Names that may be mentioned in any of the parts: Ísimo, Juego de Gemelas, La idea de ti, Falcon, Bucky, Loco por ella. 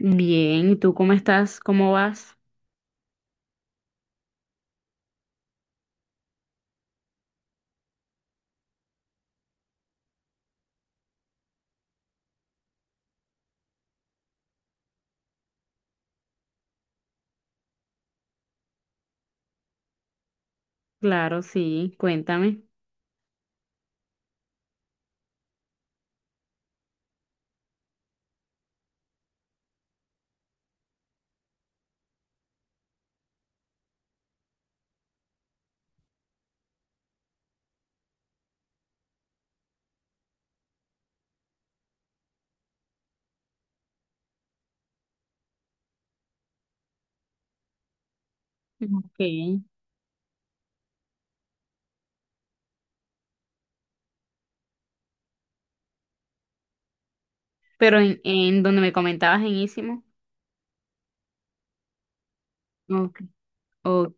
Bien, ¿y tú cómo estás? ¿Cómo vas? Claro, sí, cuéntame. Ok. Pero en donde me comentabas en Ísimo. Ok, ok,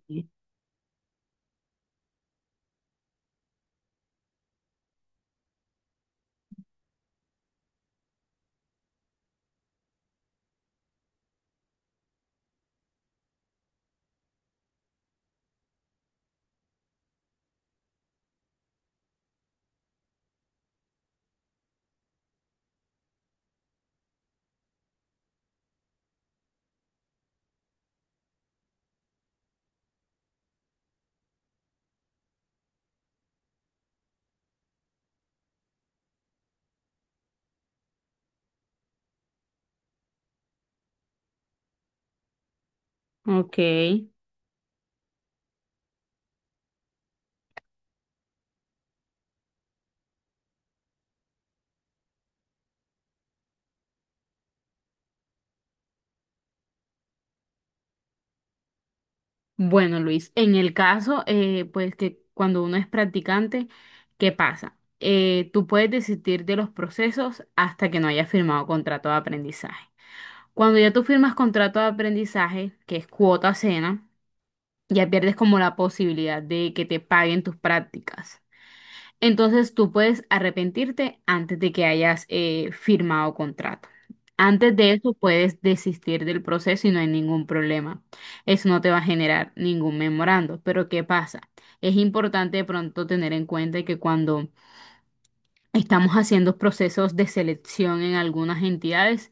ok. Bueno, Luis, en el caso, pues que cuando uno es practicante, ¿qué pasa? Tú puedes desistir de los procesos hasta que no hayas firmado contrato de aprendizaje. Cuando ya tú firmas contrato de aprendizaje, que es cuota cena, ya pierdes como la posibilidad de que te paguen tus prácticas. Entonces tú puedes arrepentirte antes de que hayas firmado contrato. Antes de eso puedes desistir del proceso y no hay ningún problema. Eso no te va a generar ningún memorando. Pero ¿qué pasa? Es importante de pronto tener en cuenta que cuando estamos haciendo procesos de selección en algunas entidades,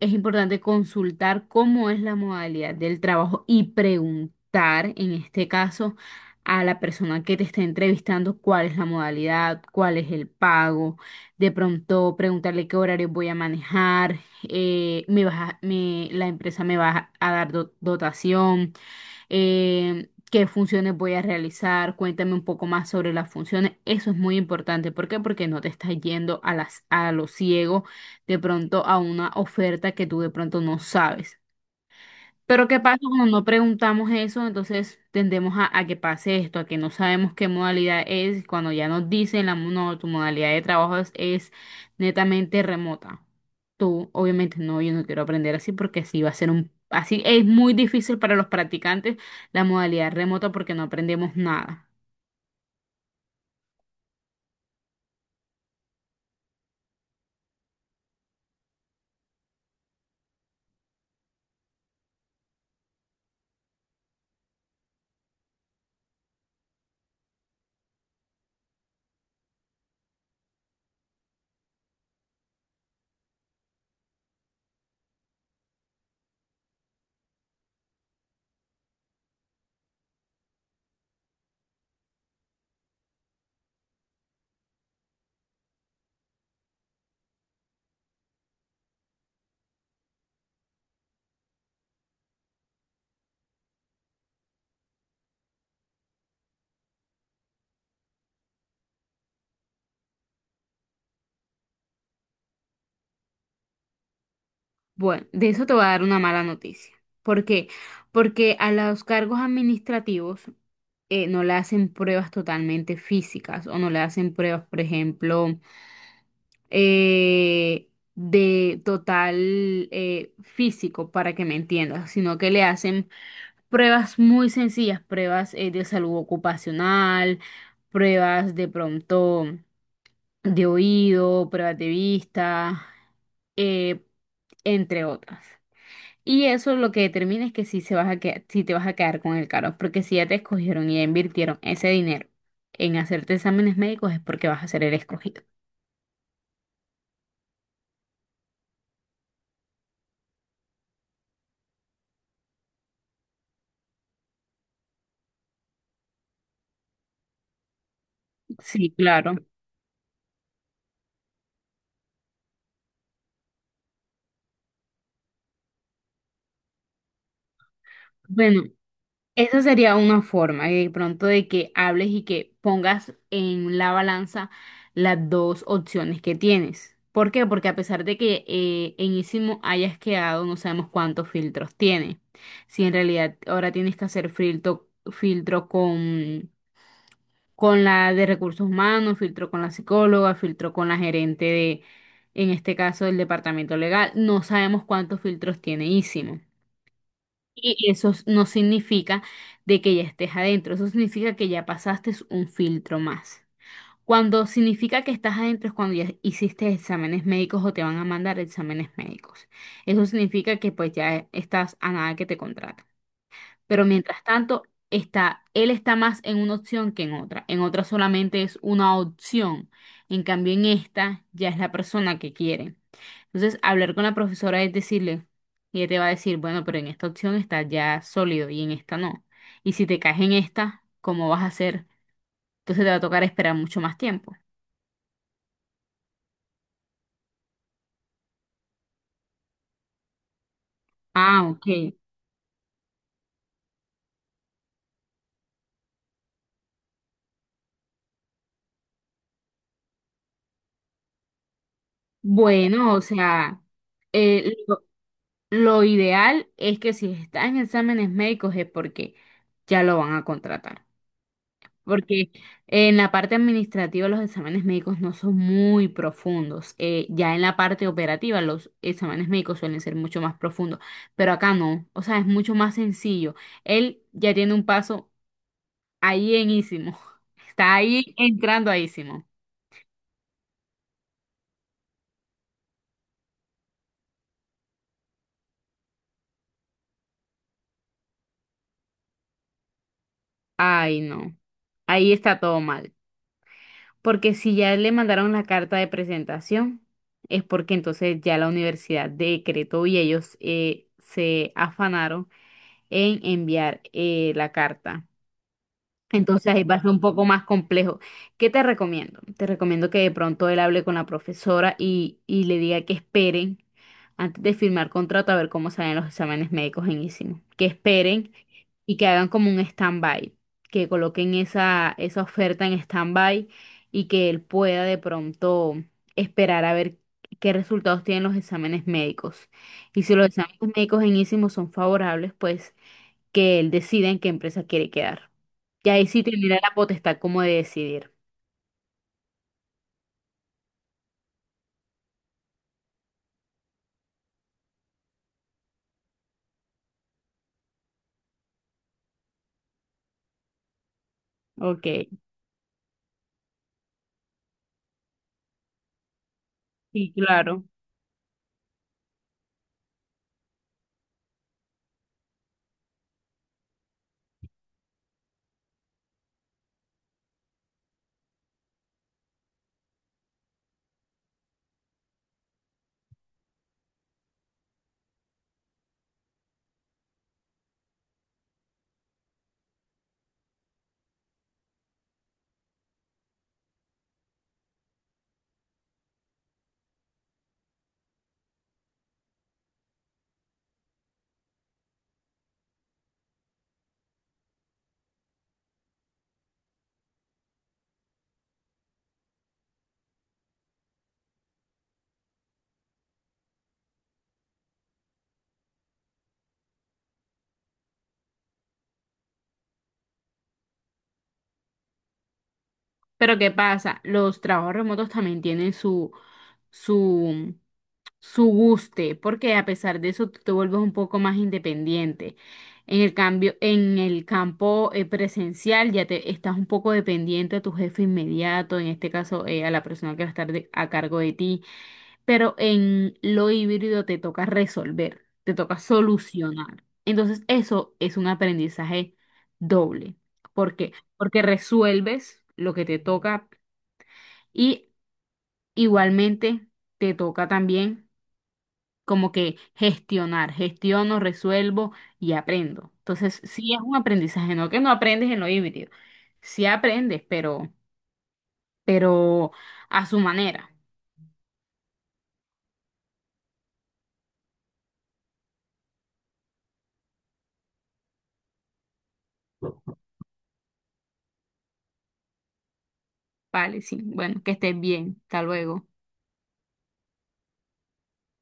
es importante consultar cómo es la modalidad del trabajo y preguntar, en este caso, a la persona que te está entrevistando cuál es la modalidad, cuál es el pago. De pronto preguntarle qué horario voy a manejar, me vas a- me- la empresa me va a dar dotación, qué funciones voy a realizar, cuéntame un poco más sobre las funciones. Eso es muy importante. ¿Por qué? Porque no te estás yendo a a lo ciego de pronto a una oferta que tú de pronto no sabes. Pero ¿qué pasa cuando no preguntamos eso? Entonces tendemos a que pase esto, a que no sabemos qué modalidad es, cuando ya nos dicen no, tu modalidad de trabajo es netamente remota. Tú, obviamente, no, yo no quiero aprender así porque así va a ser un, así es muy difícil para los practicantes la modalidad remota porque no aprendemos nada. Bueno, de eso te voy a dar una mala noticia. ¿Por qué? Porque a los cargos administrativos, no le hacen pruebas totalmente físicas o no le hacen pruebas, por ejemplo, eh, de total físico, para que me entiendas, sino que le hacen pruebas muy sencillas, pruebas de salud ocupacional, pruebas de pronto de oído, pruebas de vista, eh, entre otras. Y eso lo que determina es que si, se vas a que si te vas a quedar con el carro, porque si ya te escogieron y ya invirtieron ese dinero en hacerte exámenes médicos es porque vas a ser el escogido. Sí, claro. Bueno, esa sería una forma de pronto de que hables y que pongas en la balanza las dos opciones que tienes. ¿Por qué? Porque a pesar de que en Isimo hayas quedado, no sabemos cuántos filtros tiene. Si en realidad ahora tienes que hacer filtro, con la de recursos humanos, filtró con la psicóloga, filtró con la gerente de, en este caso, del departamento legal. No sabemos cuántos filtros tiene Ísimo. Y eso no significa de que ya estés adentro, eso significa que ya pasaste un filtro más. Cuando significa que estás adentro es cuando ya hiciste exámenes médicos o te van a mandar exámenes médicos. Eso significa que pues ya estás a nada que te contraten. Pero mientras tanto, él está más en una opción que en otra. En otra solamente es una opción. En cambio, en esta ya es la persona que quiere. Entonces, hablar con la profesora es decirle, y ella te va a decir, bueno, pero en esta opción está ya sólido y en esta no. Y si te caes en esta, ¿cómo vas a hacer? Entonces te va a tocar esperar mucho más tiempo. Ah, ok. Bueno, o sea, eh, lo, lo ideal es que si está en exámenes médicos es porque ya lo van a contratar. Porque en la parte administrativa los exámenes médicos no son muy profundos. Ya en la parte operativa los exámenes médicos suelen ser mucho más profundos, pero acá no. O sea, es mucho más sencillo. Él ya tiene un paso ahí en ísimo. Está ahí entrando a ísimo. Ay, no. Ahí está todo mal. Porque si ya le mandaron la carta de presentación, es porque entonces ya la universidad decretó y ellos se afanaron en enviar, la carta. Entonces ahí va a ser un poco más complejo. ¿Qué te recomiendo? Te recomiendo que de pronto él hable con la profesora y le diga que esperen antes de firmar contrato a ver cómo salen los exámenes médicos en ISIM. Que esperen y que hagan como un stand-by, que coloquen esa oferta en stand-by y que él pueda de pronto esperar a ver qué resultados tienen los exámenes médicos. Y si los exámenes médicos en ISIMO son favorables, pues que él decida en qué empresa quiere quedar. Y ahí sí tendría la potestad como de decidir. Ok, sí, claro. Pero ¿qué pasa? Los trabajos remotos también tienen su, su guste, porque a pesar de eso tú te vuelves un poco más independiente. En el cambio, en el campo, presencial ya te estás un poco dependiente a tu jefe inmediato, en este caso, a la persona que va a estar a cargo de ti. Pero en lo híbrido te toca resolver, te toca solucionar. Entonces, eso es un aprendizaje doble. ¿Por qué? Porque resuelves lo que te toca y igualmente te toca también como que gestionar, gestiono, resuelvo y aprendo. Entonces, sí es un aprendizaje, no que no aprendes en lo híbrido, sí aprendes, pero a su manera. Vale, sí. Bueno, que estés bien. Hasta luego.